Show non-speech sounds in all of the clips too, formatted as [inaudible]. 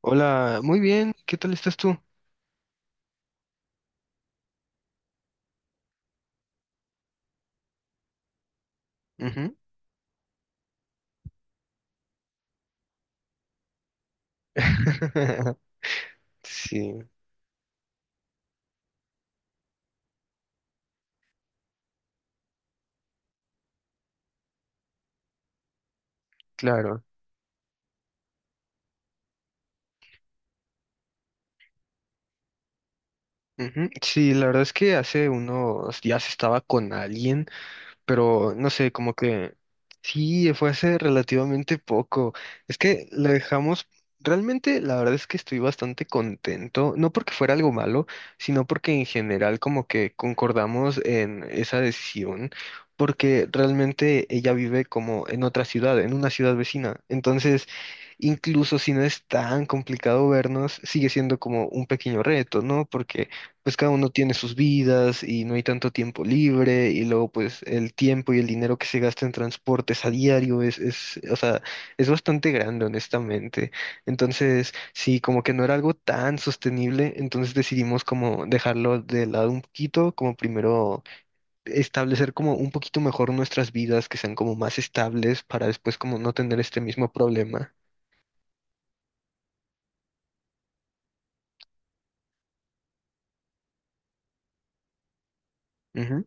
Hola, muy bien, ¿qué tal estás tú? Ujú. [laughs] Sí, claro. Ujú. Sí, la verdad es que hace unos días estaba con alguien, pero no sé, como que sí, fue hace relativamente poco. Es que lo dejamos. Realmente la verdad es que estoy bastante contento, no porque fuera algo malo, sino porque en general como que concordamos en esa decisión, porque realmente ella vive como en otra ciudad, en una ciudad vecina. Entonces, incluso si no es tan complicado vernos, sigue siendo como un pequeño reto, ¿no? Porque pues cada uno tiene sus vidas y no hay tanto tiempo libre, y luego pues el tiempo y el dinero que se gasta en transportes a diario o sea, es bastante grande, honestamente. Entonces sí, como que no era algo tan sostenible, entonces decidimos como dejarlo de lado un poquito, como primero establecer como un poquito mejor nuestras vidas, que sean como más estables para después como no tener este mismo problema. Ujú.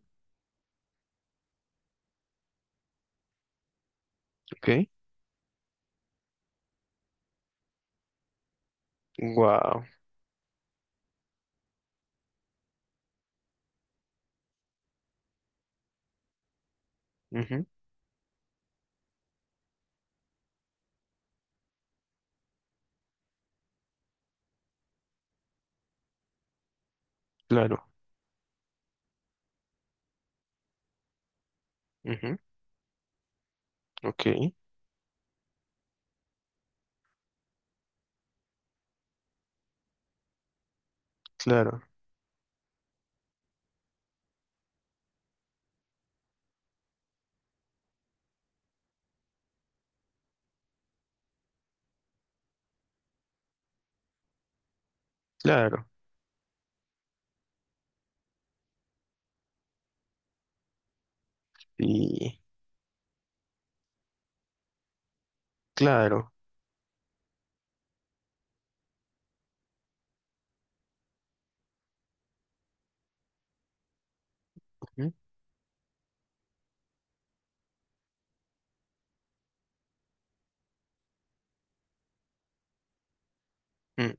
Ok. Wow. Ujú. Claro. Ujú. Ok. Claro. Claro. Sí, claro. Ujú. Mm.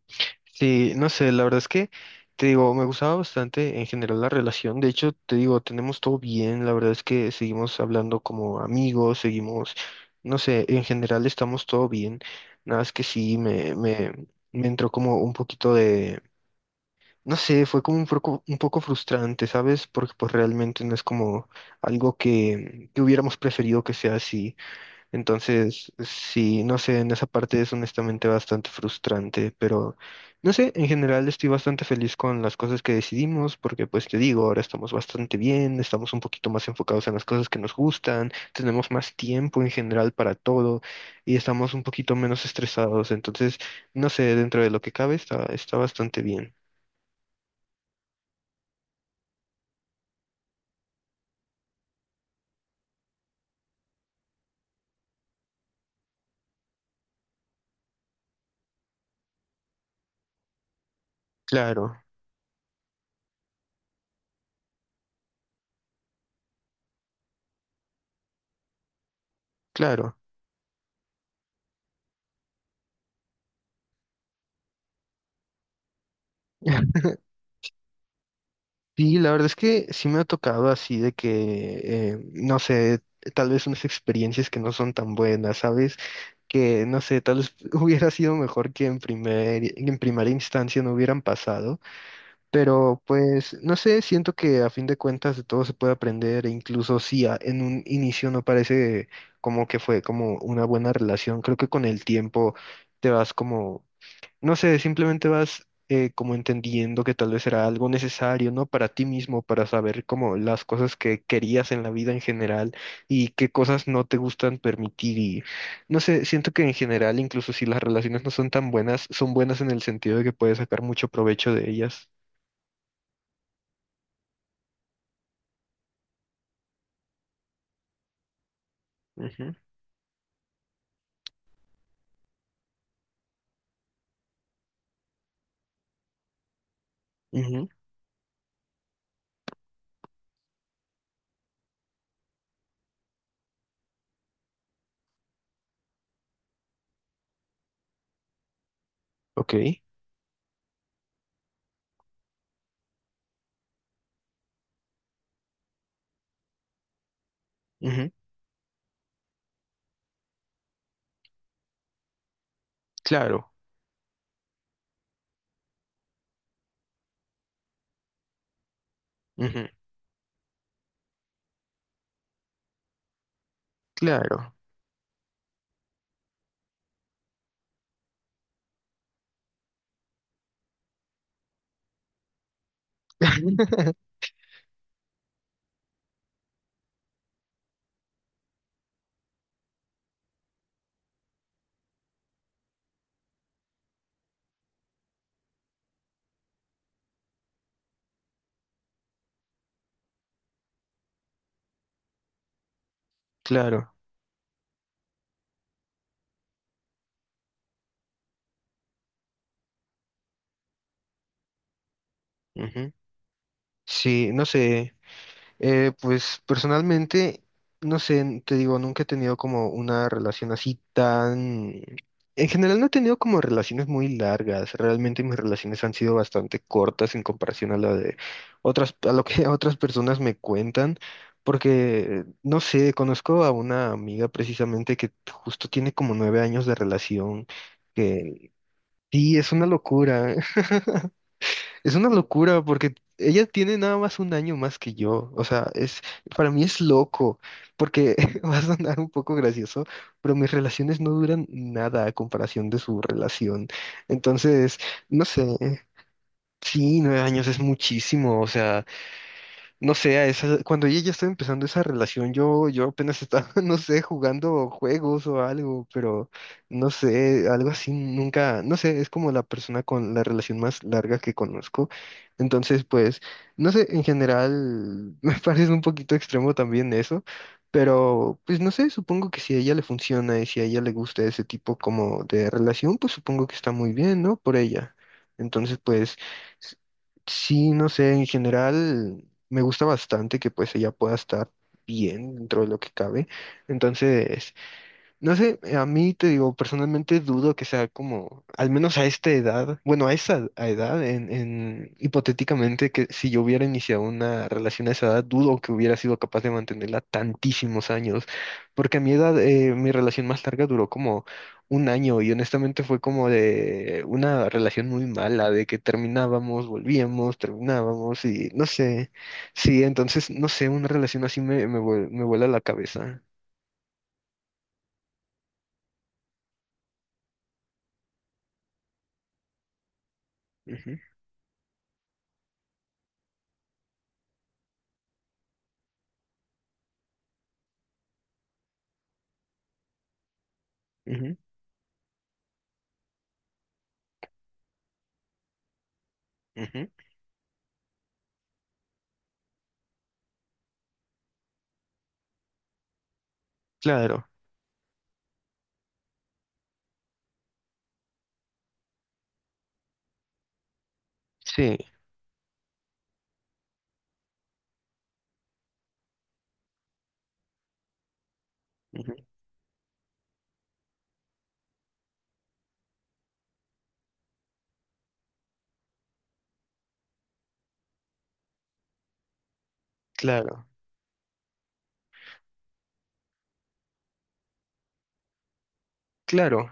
Sí, no sé, la verdad es que te digo, me gustaba bastante en general la relación. De hecho, te digo, tenemos todo bien. La verdad es que seguimos hablando como amigos, seguimos, no sé, en general estamos todo bien. Nada es que sí, me entró como un poquito de, no sé, fue como un poco frustrante, ¿sabes? Porque pues realmente no es como algo que hubiéramos preferido que sea así. Entonces sí, no sé, en esa parte es honestamente bastante frustrante, pero no sé, en general estoy bastante feliz con las cosas que decidimos, porque pues te digo, ahora estamos bastante bien, estamos un poquito más enfocados en las cosas que nos gustan, tenemos más tiempo en general para todo y estamos un poquito menos estresados. Entonces no sé, dentro de lo que cabe está, está bastante bien. Claro, claro. [laughs] Sí, la verdad es que sí me ha tocado así de que, no sé, tal vez unas experiencias que no son tan buenas, ¿sabes? Que, no sé, tal vez [laughs] hubiera sido mejor que en en primera instancia no hubieran pasado, pero pues, no sé, siento que a fin de cuentas de todo se puede aprender, e incluso si en un inicio no parece como que fue como una buena relación, creo que con el tiempo te vas como... No sé, simplemente vas como entendiendo que tal vez era algo necesario, ¿no? Para ti mismo, para saber como las cosas que querías en la vida en general y qué cosas no te gustan permitir, y no sé, siento que en general, incluso si las relaciones no son tan buenas, son buenas en el sentido de que puedes sacar mucho provecho de ellas. Ujú, ujú, ok, ujú, claro, ujú, claro, [laughs] claro, ujú. Sí, no sé. Pues personalmente, no sé, te digo, nunca he tenido como una relación así tan... En general no he tenido como relaciones muy largas. Realmente mis relaciones han sido bastante cortas en comparación a la de otras, a lo que [laughs] otras personas me cuentan. Porque, no sé, conozco a una amiga precisamente que justo tiene como 9 años de relación, que sí, es una locura. [laughs] Es una locura porque ella tiene nada más un año más que yo. O sea, es, para mí es loco, porque [laughs] va a sonar un poco gracioso, pero mis relaciones no duran nada a comparación de su relación. Entonces, no sé, sí, 9 años es muchísimo. O sea, no sé, cuando ella ya estaba empezando esa relación, yo apenas estaba, [laughs] no sé, jugando juegos o algo, pero no sé, algo así nunca, no sé, es como la persona con la relación más larga que conozco. Entonces pues, no sé, en general [laughs] me parece un poquito extremo también eso, pero pues no sé, supongo que si a ella le funciona y si a ella le gusta ese tipo como de relación, pues supongo que está muy bien, ¿no? Por ella. Entonces pues... Sí, no sé, en general, me gusta bastante que pues ella pueda estar bien dentro de lo que cabe. Entonces no sé, a mí te digo, personalmente dudo que sea como, al menos a esta edad, bueno, a esa a edad, en, hipotéticamente, que si yo hubiera iniciado una relación a esa edad, dudo que hubiera sido capaz de mantenerla tantísimos años, porque a mi edad, mi relación más larga duró como un año y honestamente fue como de una relación muy mala, de que terminábamos, volvíamos, terminábamos y no sé, sí, entonces, no sé, una relación así me vuela la cabeza. Ujú, ujú, ujú. Claro, sí, ujú, claro, claro.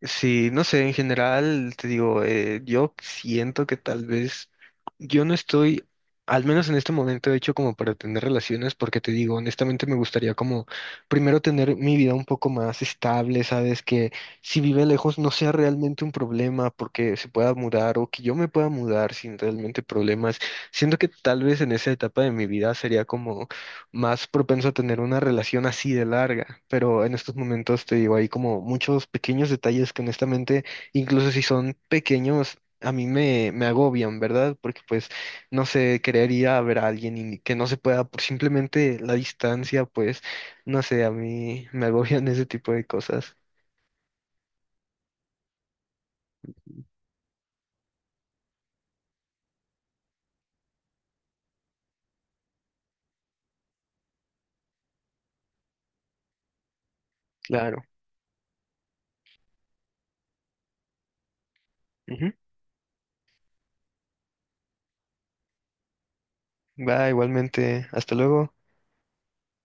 Sí, no sé, en general, te digo, yo siento que tal vez yo no estoy, al menos en este momento, hecho como para tener relaciones, porque te digo, honestamente me gustaría como primero tener mi vida un poco más estable, ¿sabes? Que si vive lejos no sea realmente un problema porque se pueda mudar o que yo me pueda mudar sin realmente problemas. Siento que tal vez en esa etapa de mi vida sería como... más propenso a tener una relación así de larga, pero en estos momentos te digo, hay como muchos pequeños detalles que honestamente, incluso si son pequeños, a mí me agobian, ¿verdad? Porque pues, no sé, querer ir a ver a alguien y que no se pueda por simplemente la distancia, pues, no sé, a mí me [laughs] agobian ese tipo de cosas. Claro. Ujú. Va, igualmente, hasta luego.